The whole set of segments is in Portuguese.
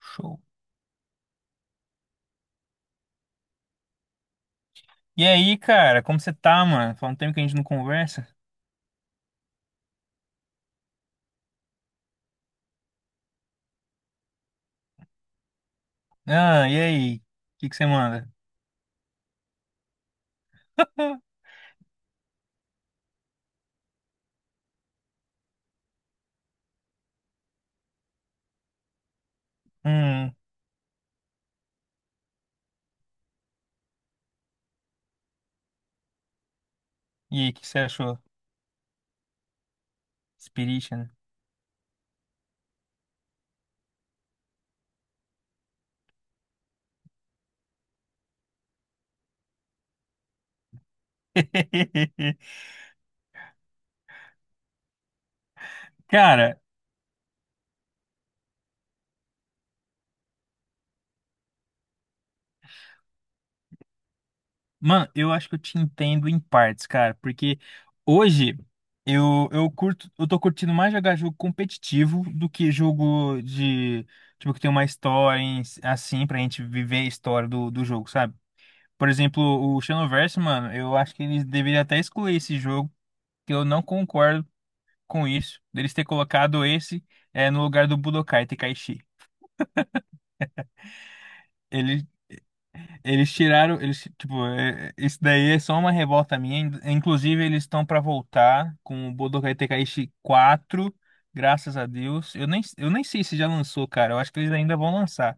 Show. E aí, cara, como você tá, mano? Faz um tempo que a gente não conversa. Ah, e aí? O que que você manda? Hum. E aí, o que você achou? Inspiration. Cara, mano, eu acho que eu te entendo em partes, cara, porque hoje eu tô curtindo mais jogar jogo competitivo do que jogo de, tipo, que tem uma história si, assim pra gente viver a história do jogo, sabe? Por exemplo, o Xenoverse, mano, eu acho que eles deveriam até excluir esse jogo que eu não concordo com isso, deles ter colocado esse no lugar do Budokai Tenkaichi. Eles, eles tiraram, eles, tipo, isso daí é só uma revolta minha. Inclusive, eles estão para voltar com o Budokai Tenkaichi 4, graças a Deus. Eu nem sei se já lançou, cara. Eu acho que eles ainda vão lançar.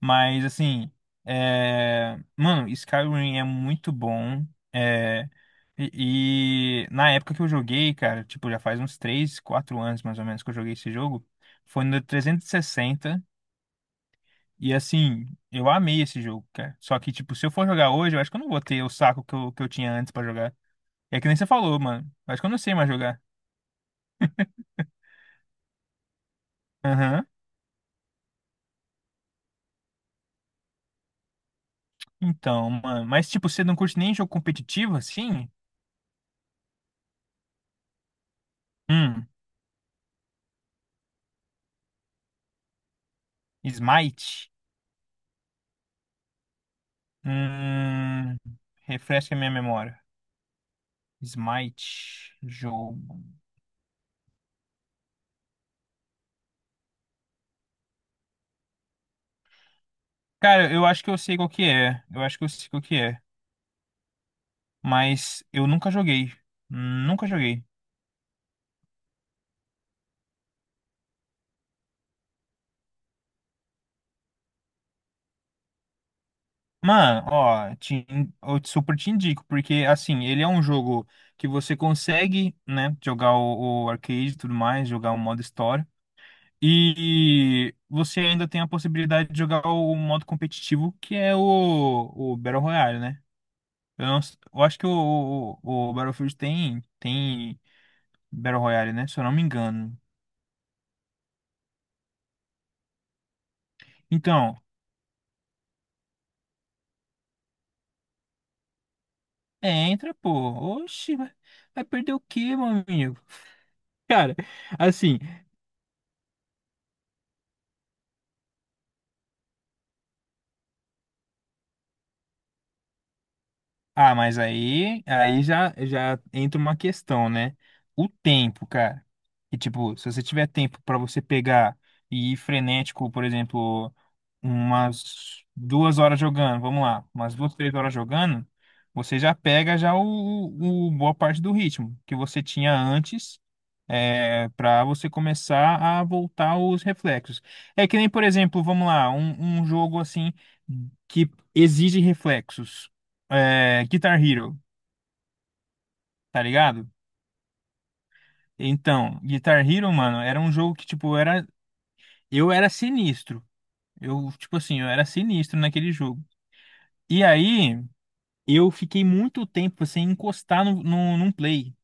Mas assim, mano, Skyrim é muito bom. É... e na época que eu joguei, cara, tipo, já faz uns 3, 4 anos mais ou menos que eu joguei esse jogo, foi no 360. E sessenta. E assim, eu amei esse jogo, cara. Só que, tipo, se eu for jogar hoje, eu acho que eu não vou ter o saco que eu tinha antes pra jogar. É que nem você falou, mano. Eu acho que eu não sei mais jogar. Aham. Então, mano. Mas, tipo, você não curte nem jogo competitivo, assim? Hum. Smite. Hum. Refresca minha memória. Smite, jogo. Cara, eu acho que eu sei qual que é. Eu acho que eu sei qual que é. Mas eu nunca joguei. Nunca joguei. Mano, ó, eu super te indico, porque assim, ele é um jogo que você consegue, né, jogar o arcade e tudo mais, jogar o modo história. E você ainda tem a possibilidade de jogar o modo competitivo, que é o Battle Royale, né? Eu, não s- eu acho que o Battlefield tem Battle Royale, né? Se eu não me engano. Então, entra, pô. Oxi, vai perder o quê, meu amigo? Cara, assim, ah, mas aí já entra uma questão, né? O tempo, cara. E tipo, se você tiver tempo pra você pegar e ir frenético, por exemplo, umas 2 horas jogando, vamos lá, umas 2, 3 horas jogando, você já pega já o boa parte do ritmo que você tinha antes para você começar a voltar os reflexos. É que nem, por exemplo, vamos lá, um jogo assim que exige reflexos. Guitar Hero, tá ligado? Então, Guitar Hero, mano, era um jogo que, tipo, era. Eu era sinistro. Eu, tipo assim, eu era sinistro naquele jogo. E aí, eu fiquei muito tempo sem encostar no, no, num play.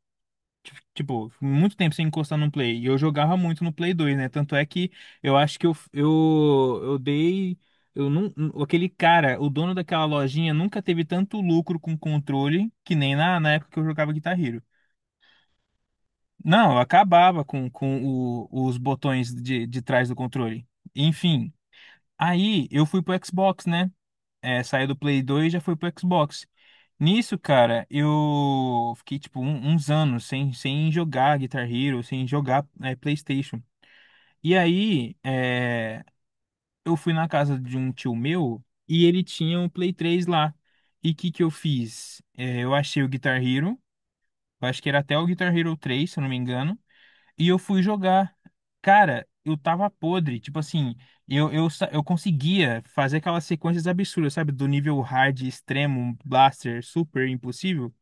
Tipo, muito tempo sem encostar no Play. E eu jogava muito no Play 2, né? Tanto é que eu acho que eu dei. Eu não, aquele cara, o dono daquela lojinha, nunca teve tanto lucro com controle que nem na época que eu jogava Guitar Hero. Não, eu acabava com os botões de trás do controle. Enfim, aí eu fui pro Xbox, né? Saiu do Play 2 e já foi pro Xbox. Nisso, cara, eu fiquei tipo uns anos sem jogar Guitar Hero, sem jogar PlayStation. E aí, eu fui na casa de um tio meu e ele tinha um Play 3 lá. E o que que eu fiz? É, eu achei o Guitar Hero, eu acho que era até o Guitar Hero 3, se eu não me engano. E eu fui jogar. Cara, eu tava podre. Tipo assim, eu conseguia fazer aquelas sequências absurdas, sabe? Do nível hard, extremo, um blaster, super impossível.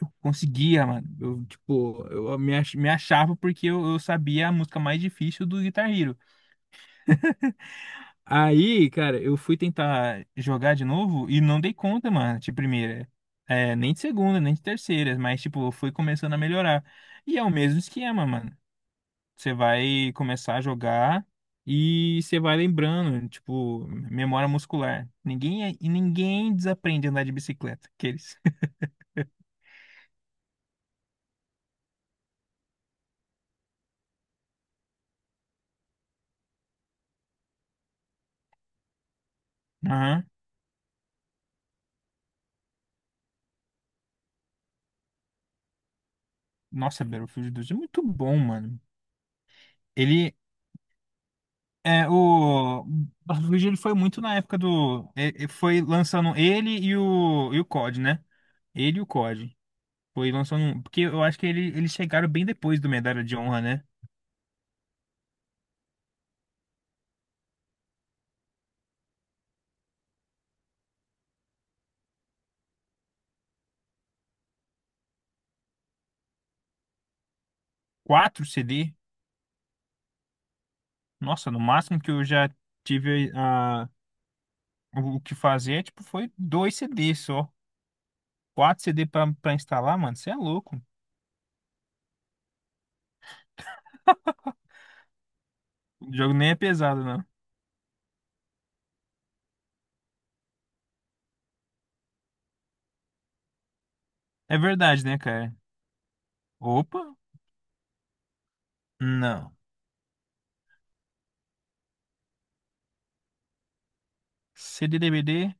Eu conseguia, mano. Eu, tipo, eu me, me achava porque eu sabia a música mais difícil do Guitar Hero. Aí, cara, eu fui tentar jogar de novo e não dei conta, mano, de primeira. É, nem de segunda, nem de terceira, mas, tipo, eu fui começando a melhorar. E é o mesmo esquema, mano. Você vai começar a jogar e você vai lembrando, tipo, memória muscular. Ninguém é- e ninguém desaprende a andar de bicicleta, aqueles. Aham. Nossa, Battlefield 2 é muito bom, mano. Ele é o Battlefield. Ele foi muito na época do foi lançando ele e o COD, né? Ele e o COD. Foi lançando, porque eu acho que ele, eles chegaram bem depois do Medalha de Honra, né? Quatro CD. Nossa, no máximo que eu já tive a. O que fazia é, tipo, foi dois CDs só. Quatro CD pra instalar, mano. Você é louco. O jogo nem é pesado, não. É verdade, né, cara? Opa, não. CD DVD,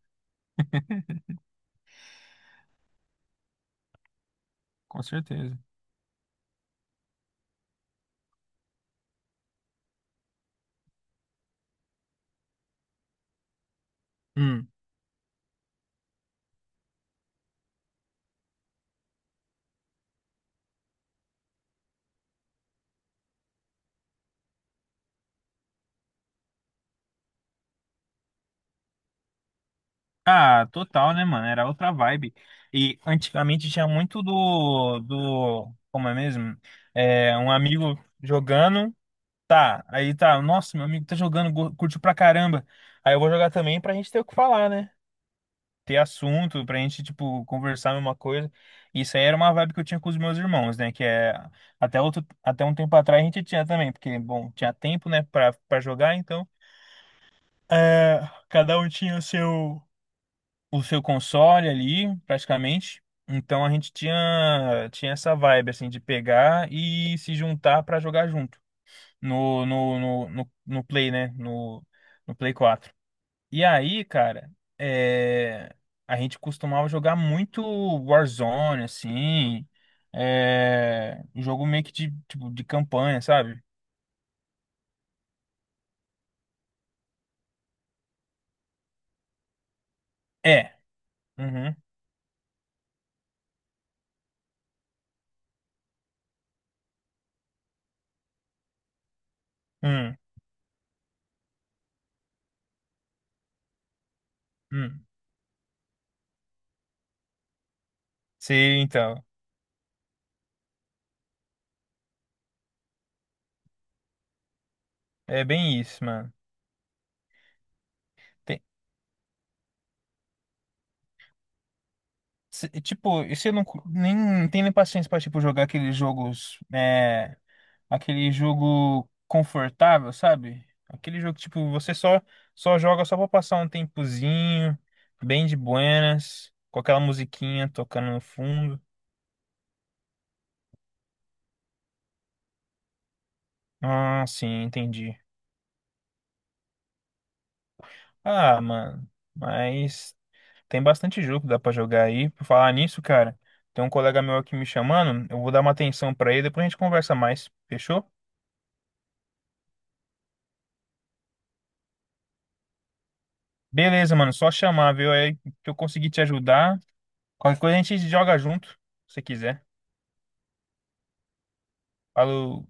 com certeza. Hum. Ah, total, né, mano? Era outra vibe. E antigamente tinha muito como é mesmo? Um amigo jogando, tá. Aí tá, nossa, meu amigo tá jogando, curtiu pra caramba. Aí eu vou jogar também pra gente ter o que falar, né? Ter assunto pra gente, tipo, conversar a mesma coisa. Isso aí era uma vibe que eu tinha com os meus irmãos, né? Que é até um tempo atrás a gente tinha também, porque, bom, tinha tempo, né, pra jogar, então é, cada um tinha o seu console ali, praticamente. Então a gente tinha essa vibe, assim, de pegar e se juntar pra jogar junto no Play, né? No, no Play 4 e aí, cara, é, a gente costumava jogar muito Warzone, assim, é, jogo meio que de, tipo, de campanha, sabe? É. Uhum. Hum. Hum. Sim, então, é bem isso, mano. Tem- tipo, isso eu não, nem, não tenho nem paciência pra, tipo, jogar aqueles jogos, aquele jogo confortável, sabe? Aquele jogo que, tipo, você só joga só pra passar um tempozinho, bem de buenas, com aquela musiquinha tocando no fundo. Ah, sim, entendi. Ah, mano, mas tem bastante jogo que dá pra jogar aí. Por falar nisso, cara, tem um colega meu aqui me chamando, eu vou dar uma atenção pra ele, depois a gente conversa mais, fechou? Beleza, mano, só chamar, viu? Aí que eu consegui te ajudar. Qualquer coisa a gente joga junto, se quiser. Falou.